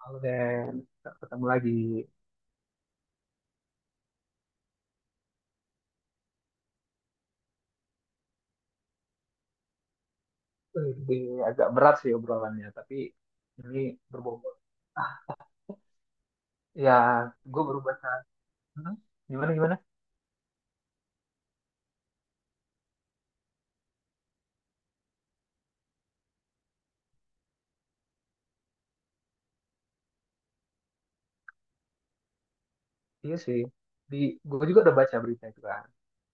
Halo Den, kita ketemu lagi. Ini agak berat sih obrolannya, tapi ini berbobot. Ya, gue baru baca. Hmm? Gimana gimana? Iya sih. Di gue juga udah baca berita itu kan,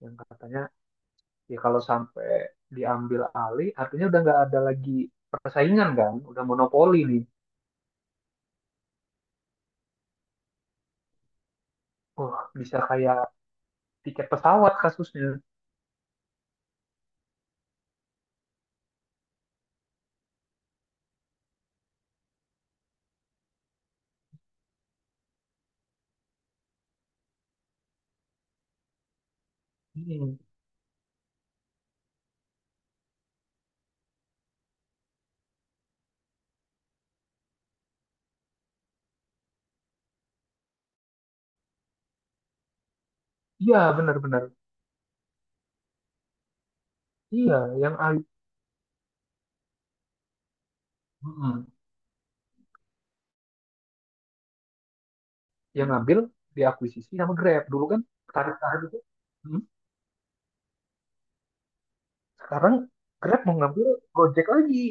yang katanya ya kalau sampai diambil alih, artinya udah nggak ada lagi persaingan kan, udah monopoli nih. Wah, bisa kayak tiket pesawat kasusnya. Hmm. Iya, benar-benar. Iya, yang a- Hmm. Yang ngambil diakuisisi sama Grab. Dulu kan tarik-tarik itu. Hmm? Sekarang Grab mau ngambil Gojek lagi.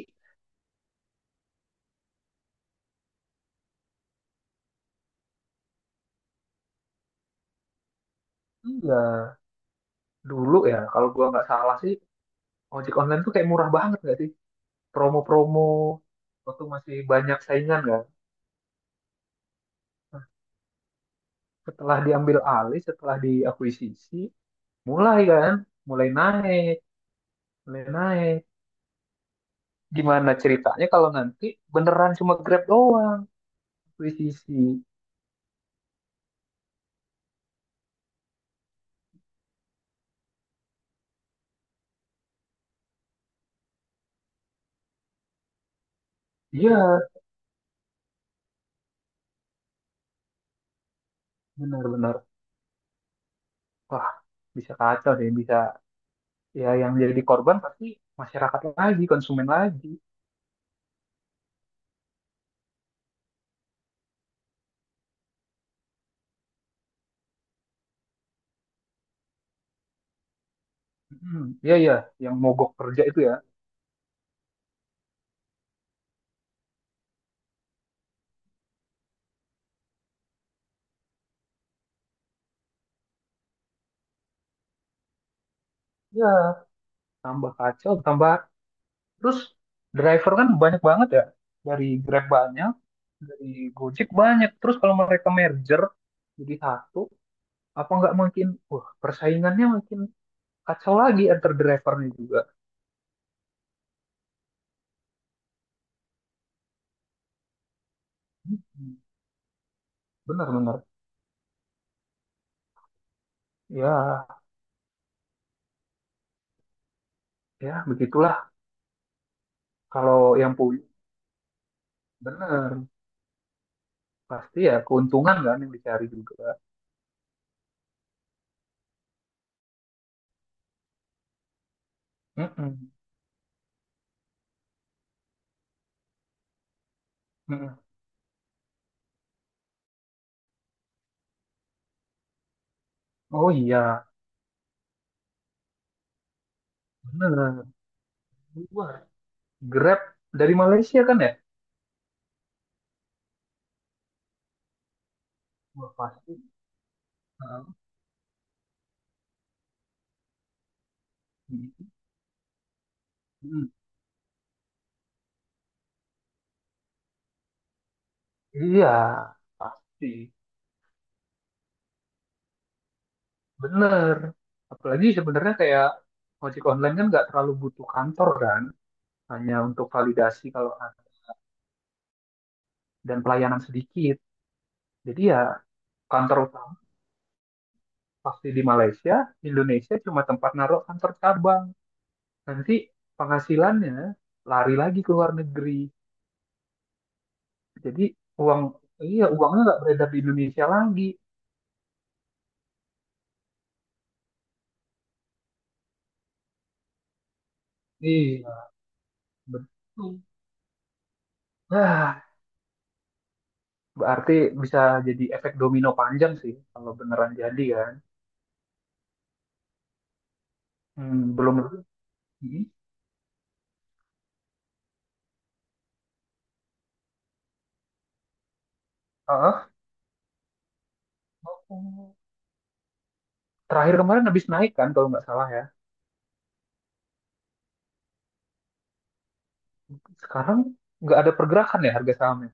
Iya, dulu ya kalau gua nggak salah sih ojek online tuh kayak murah banget nggak sih? Promo-promo waktu masih banyak saingan kan. Nah, setelah diambil alih, setelah diakuisisi, mulai kan, mulai naik, mulai naik. Gimana ceritanya kalau nanti beneran cuma Grab doang akuisisi? Iya, benar-benar. Wah, bisa kacau sih, bisa ya yang jadi korban pasti masyarakat lagi, konsumen lagi. Hmm, iya iya, yang mogok kerja itu ya. Ya, tambah kacau, tambah terus driver kan banyak banget ya. Dari Grab banyak, dari Gojek banyak. Terus kalau mereka merger jadi satu, apa nggak makin wah, persaingannya makin kacau lagi antar drivernya juga. Hmm, benar benar. Ya, ya begitulah kalau yang punya benar pasti ya keuntungan kan yang dicari juga. Mm-mm, mm-mm. Oh iya, benar. Luar. Grab dari Malaysia kan ya? Wah, pasti. Heeh. Mm. Iya, pasti. Bener. Apalagi sebenarnya kayak ojek online kan nggak terlalu butuh kantor kan, hanya untuk validasi kalau ada dan pelayanan sedikit. Jadi ya kantor utama pasti di Malaysia, Indonesia cuma tempat naruh kantor cabang. Nanti penghasilannya lari lagi ke luar negeri. Jadi uang iya uangnya nggak beredar di Indonesia lagi. Iya, betul. Nah, berarti bisa jadi efek domino panjang sih kalau beneran jadi kan. Hmm, belum. Hmm. Heeh. Terakhir kemarin habis naik kan kalau nggak salah ya. Sekarang nggak ada pergerakan ya harga sahamnya.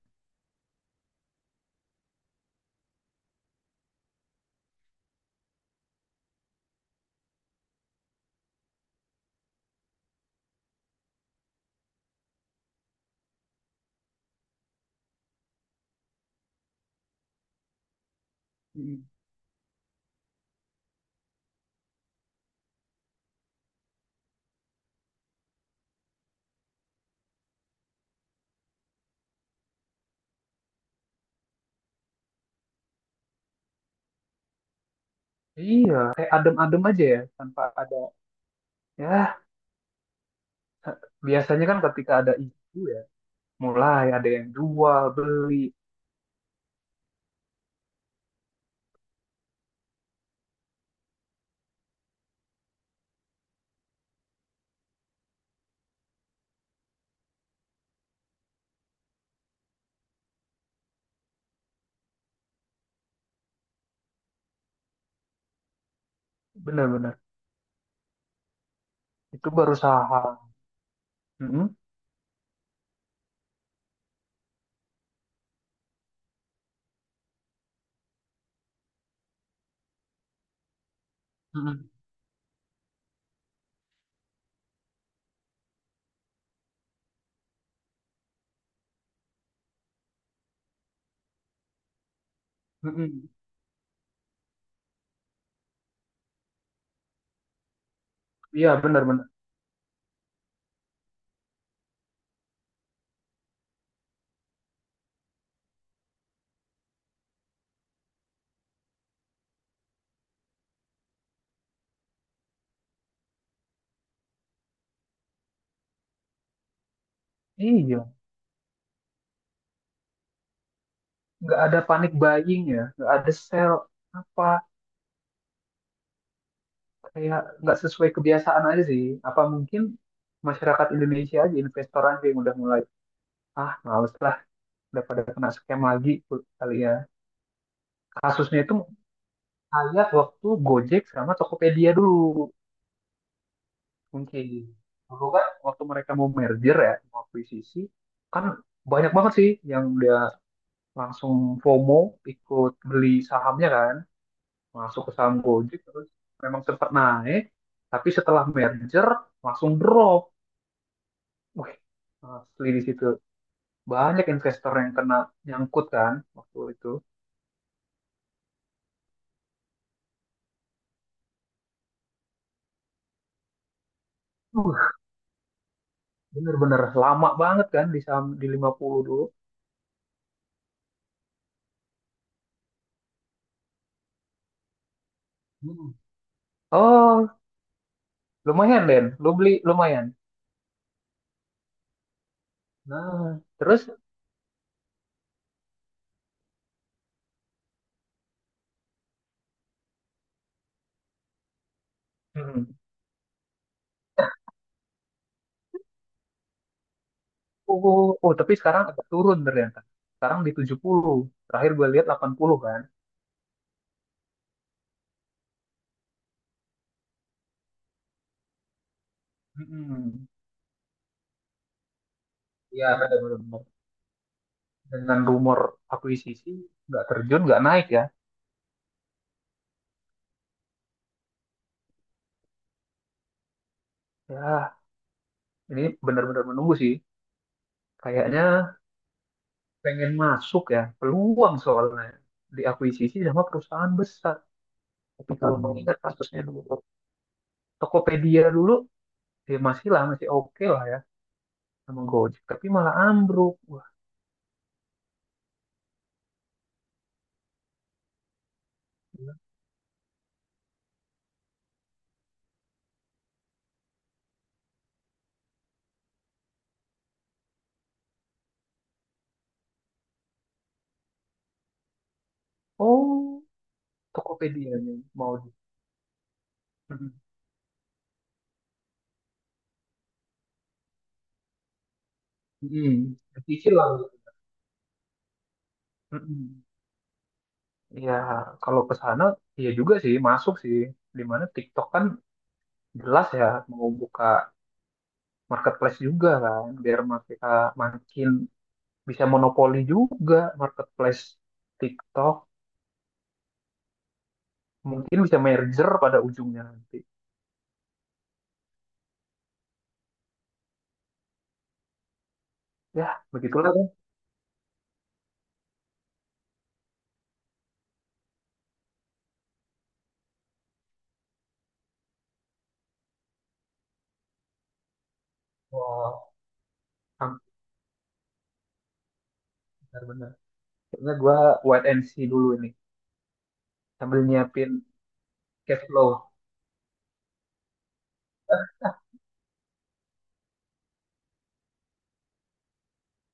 Hmm. Iya, kayak adem-adem aja ya tanpa ada. Ya, biasanya kan ketika ada isu ya, mulai ada yang jual beli, benar-benar itu baru saham. Mm-mm. Mm-mm. Mm-mm. Iya, benar-benar. Iya, nggak ada panic buying ya, nggak ada sell apa. Kayak nggak sesuai kebiasaan aja sih. Apa mungkin masyarakat Indonesia aja investor aja yang udah mulai ah males lah udah pada kena scam lagi kali ya. Kasusnya itu kayak waktu Gojek sama Tokopedia dulu mungkin. Dulu kan waktu mereka mau merger ya, mau akuisisi, kan banyak banget sih yang udah langsung FOMO ikut beli sahamnya kan, masuk ke saham Gojek terus memang sempat naik, tapi setelah merger langsung drop. Wih, asli di situ. Banyak investor yang kena nyangkut kan waktu itu. Uh, bener-bener lama banget kan di saham di 50 dulu. Hmm. Oh, lumayan Den. Lu beli lumayan. Nah, terus hmm, oh, oh, oh, tapi sekarang agak turun ternyata. Sekarang di 70. Terakhir gue lihat 80 kan. Hmm, ya benar-benar dengan rumor akuisisi nggak terjun nggak naik ya. Ya, ini benar-benar menunggu sih. Kayaknya pengen masuk ya peluang soalnya diakuisisi sama perusahaan besar tapi kalau mengingat kasusnya dulu Tokopedia dulu ya masih lah masih oke lah ya sama Gojek tapi malah ambruk wah gila. Oh, Tokopedia-nya mau di mm dicicil lah. Mm-mm. Ya kalau ke sana ya juga sih masuk sih dimana TikTok kan jelas ya mau buka marketplace juga kan biar mereka makin bisa monopoli juga marketplace TikTok mungkin bisa merger pada ujungnya nanti ya begitulah kan. Wow, am- benar-benar kayaknya gue wait and see dulu ini sambil nyiapin cash flow.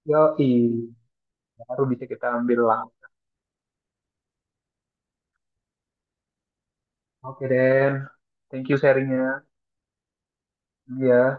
Yoi, baru bisa kita ambil lah. Oke Den, thank you sharingnya. Iya.